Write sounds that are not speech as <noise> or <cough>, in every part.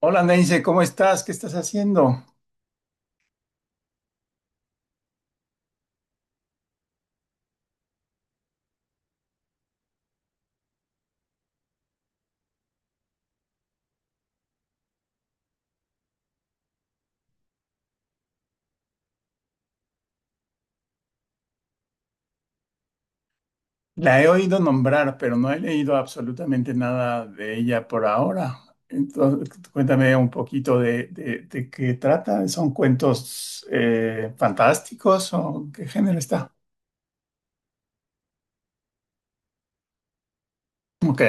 Hola Nancy, ¿cómo estás? ¿Qué estás haciendo? La he oído nombrar, pero no he leído absolutamente nada de ella por ahora. Entonces, cuéntame un poquito de qué trata. ¿Son cuentos fantásticos o qué género está? Ok.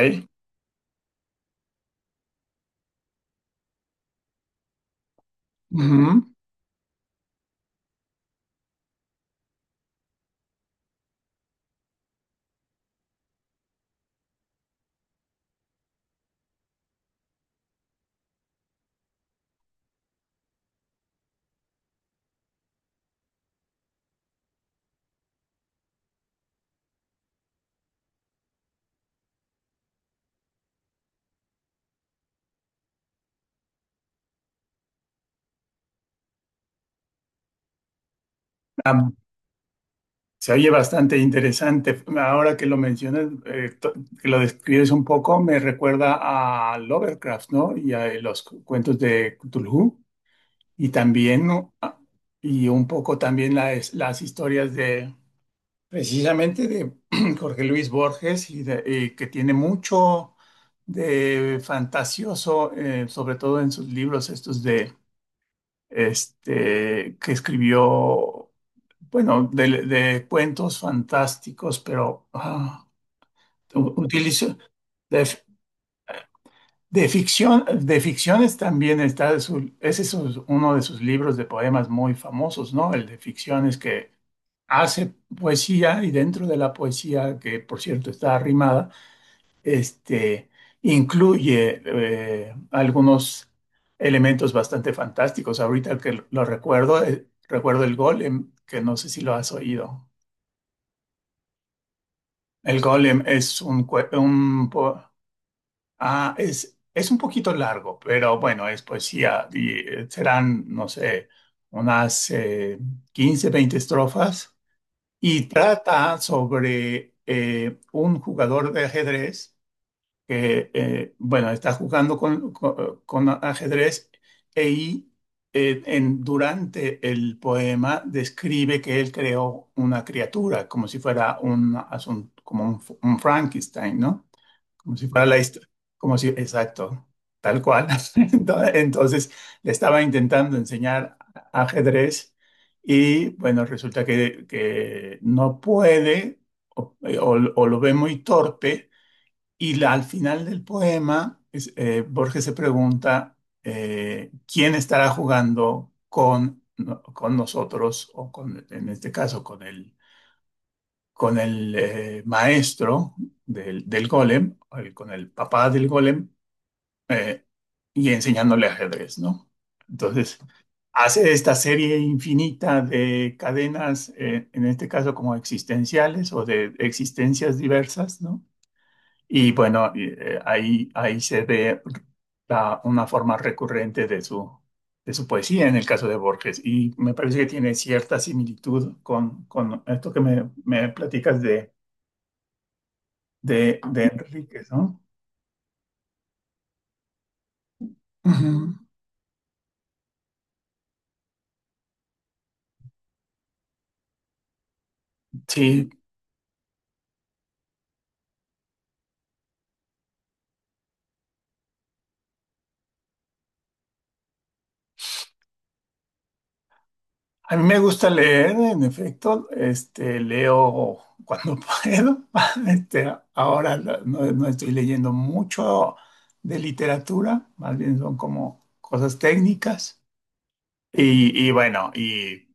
Ujú. Ah, se oye bastante interesante. Ahora que lo mencionas, que lo describes un poco, me recuerda a Lovecraft, ¿no? Y a los cuentos de Cthulhu. Y también, ¿no? Y un poco también las historias de, precisamente de <clears throat> Jorge Luis Borges, y, y que tiene mucho de fantasioso, sobre todo en sus libros estos de, que escribió, bueno, de cuentos fantásticos, pero utilizó... De ficción, de ficciones también está ese es uno de sus libros de poemas muy famosos, ¿no? El de ficciones que hace poesía y dentro de la poesía, que por cierto está arrimada, este, incluye algunos elementos bastante fantásticos. Ahorita que lo recuerdo, recuerdo el Golem, que no sé si lo has oído. El Golem es un, un ah, es un poquito largo, pero bueno, es poesía y serán, no sé, unas 15, 20 estrofas y trata sobre un jugador de ajedrez que, bueno, está jugando con ajedrez e y, durante el poema describe que él creó una criatura, como si fuera un, como un Frankenstein, ¿no? Como si fuera la historia. Como si, exacto, tal cual. <laughs> Entonces le estaba intentando enseñar ajedrez y bueno, resulta que no puede o, o lo ve muy torpe y al final del poema Borges se pregunta quién estará jugando con, no, con nosotros o con, en este caso con él, con el maestro del golem, con el papá del golem, eh, y enseñándole ajedrez, ¿no? Entonces, hace esta serie infinita de cadenas, en este caso como existenciales o de existencias diversas, ¿no? Y bueno, y, ahí, ahí se ve una forma recurrente de su poesía en el caso de Borges. Y me parece que tiene cierta similitud con esto que me platicas de Enríquez, ¿no? Ujú. Sí, a mí me gusta leer, en efecto, leo cuando <laughs> puedo. Ahora no, no estoy leyendo mucho de literatura, más bien son como cosas técnicas y bueno, y,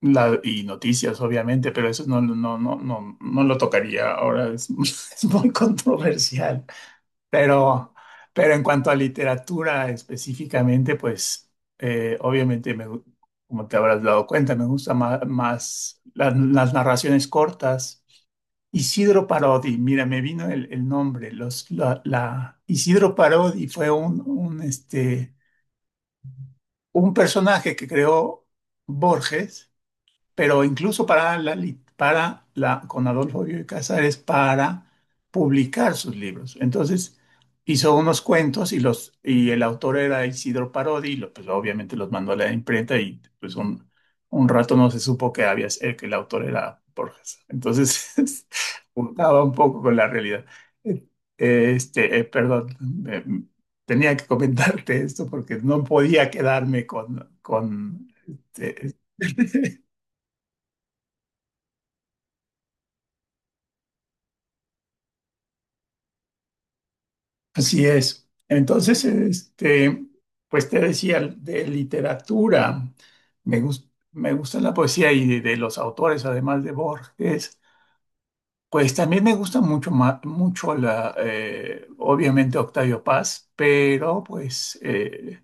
y noticias, obviamente, pero eso no lo tocaría ahora, es, <laughs> es muy controversial. Pero, pero en cuanto a literatura específicamente, pues obviamente, como te habrás dado cuenta, me gustan más, las narraciones cortas. Isidro Parodi, mira, me vino el nombre. Los, la, Isidro Parodi fue un, un personaje que creó Borges, pero incluso para la, para la, con Adolfo Bioy Casares, para publicar sus libros. Entonces hizo unos cuentos y los, y el autor era Isidro Parodi, y pues obviamente los mandó a la imprenta y pues un rato no se supo que había, que el autor era Borges. Entonces <laughs> juntaba un poco con la realidad. Eh, perdón, tenía que comentarte esto porque no podía quedarme con este, <laughs> así es. Entonces, pues te decía, de literatura, me gusta la poesía y de los autores, además de Borges, pues también me gusta mucho, mucho la, obviamente Octavio Paz, pero pues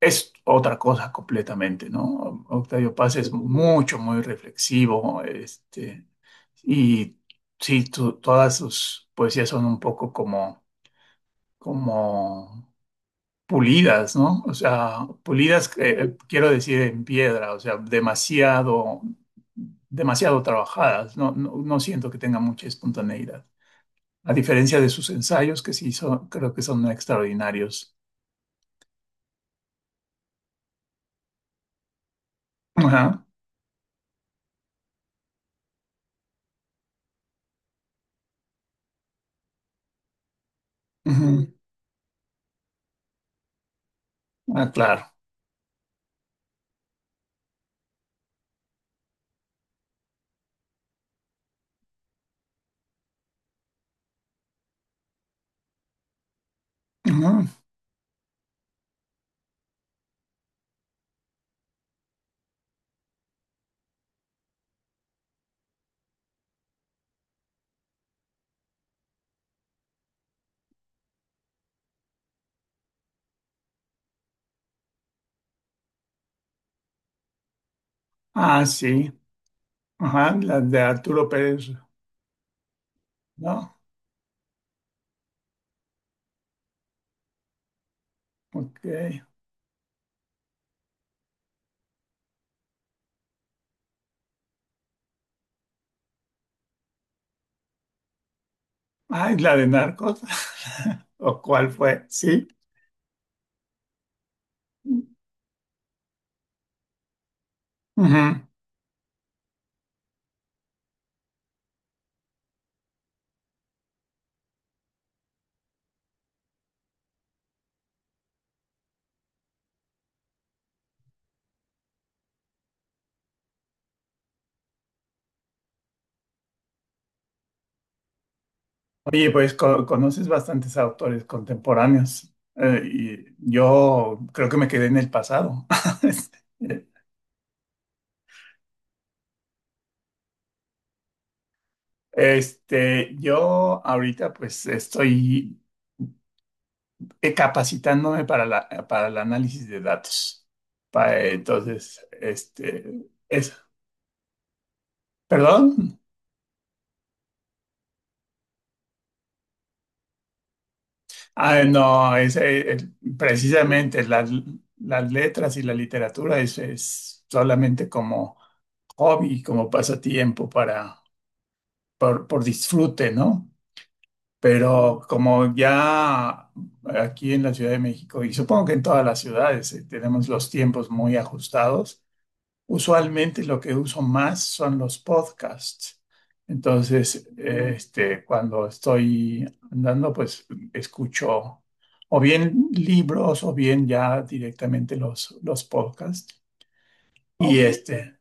es otra cosa completamente, ¿no? Octavio Paz es mucho, muy reflexivo, y sí, todas sus poesías son un poco como, como pulidas, ¿no? O sea, pulidas, quiero decir en piedra, o sea, demasiado, demasiado trabajadas, no, no, no siento que tenga mucha espontaneidad, a diferencia de sus ensayos, que sí son, creo que son extraordinarios. Ajá, ujú, ah, claro. Ujú. Ah, sí. Ajá, la de Arturo Pérez, ¿no? Ok. Ah, ¿y la de Narcos? <laughs> ¿O cuál fue? Sí. Ujú. Oye, pues conoces bastantes autores contemporáneos, y yo creo que me quedé en el pasado. <laughs> Yo ahorita pues estoy capacitándome para la, para el análisis de datos. Entonces, es, ¿perdón? Ah, no, es, precisamente las letras y la literatura es solamente como hobby, como pasatiempo para por disfrute, ¿no? Pero como ya aquí en la Ciudad de México, y supongo que en todas las ciudades, tenemos los tiempos muy ajustados, usualmente lo que uso más son los podcasts. Entonces, cuando estoy andando, pues escucho o bien libros o bien ya directamente los podcasts. Y ok.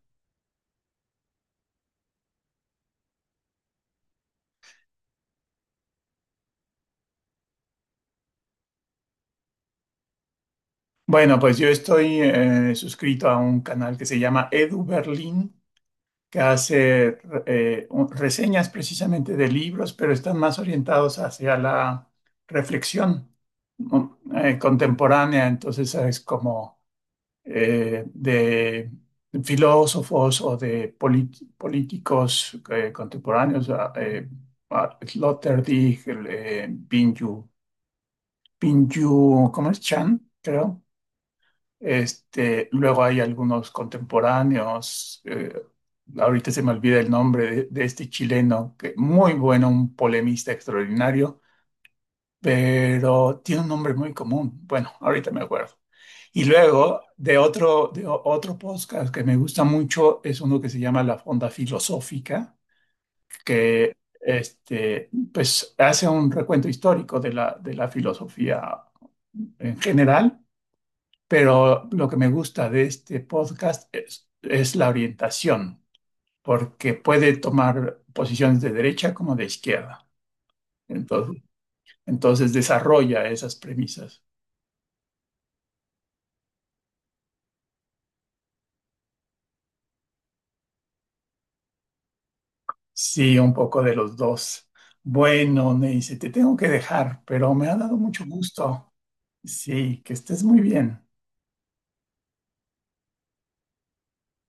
bueno, pues yo estoy suscrito a un canal que se llama Edu Berlín que hace reseñas precisamente de libros, pero están más orientados hacia la reflexión, ¿no? Contemporánea. Entonces es como de filósofos o de políticos contemporáneos, Sloterdijk, el, Pinju, Pinju, ¿cómo es? Chan, creo. Luego hay algunos contemporáneos, ahorita se me olvida el nombre de este chileno, que muy bueno, un polemista extraordinario, pero tiene un nombre muy común. Bueno, ahorita me acuerdo. Y luego de otro, de otro podcast que me gusta mucho es uno que se llama La Fonda Filosófica, que pues hace un recuento histórico de la filosofía en general, pero lo que me gusta de este podcast es la orientación, porque puede tomar posiciones de derecha como de izquierda. Entonces, entonces desarrolla esas premisas. Sí, un poco de los dos. Bueno, me dice, te tengo que dejar, pero me ha dado mucho gusto. Sí, que estés muy bien.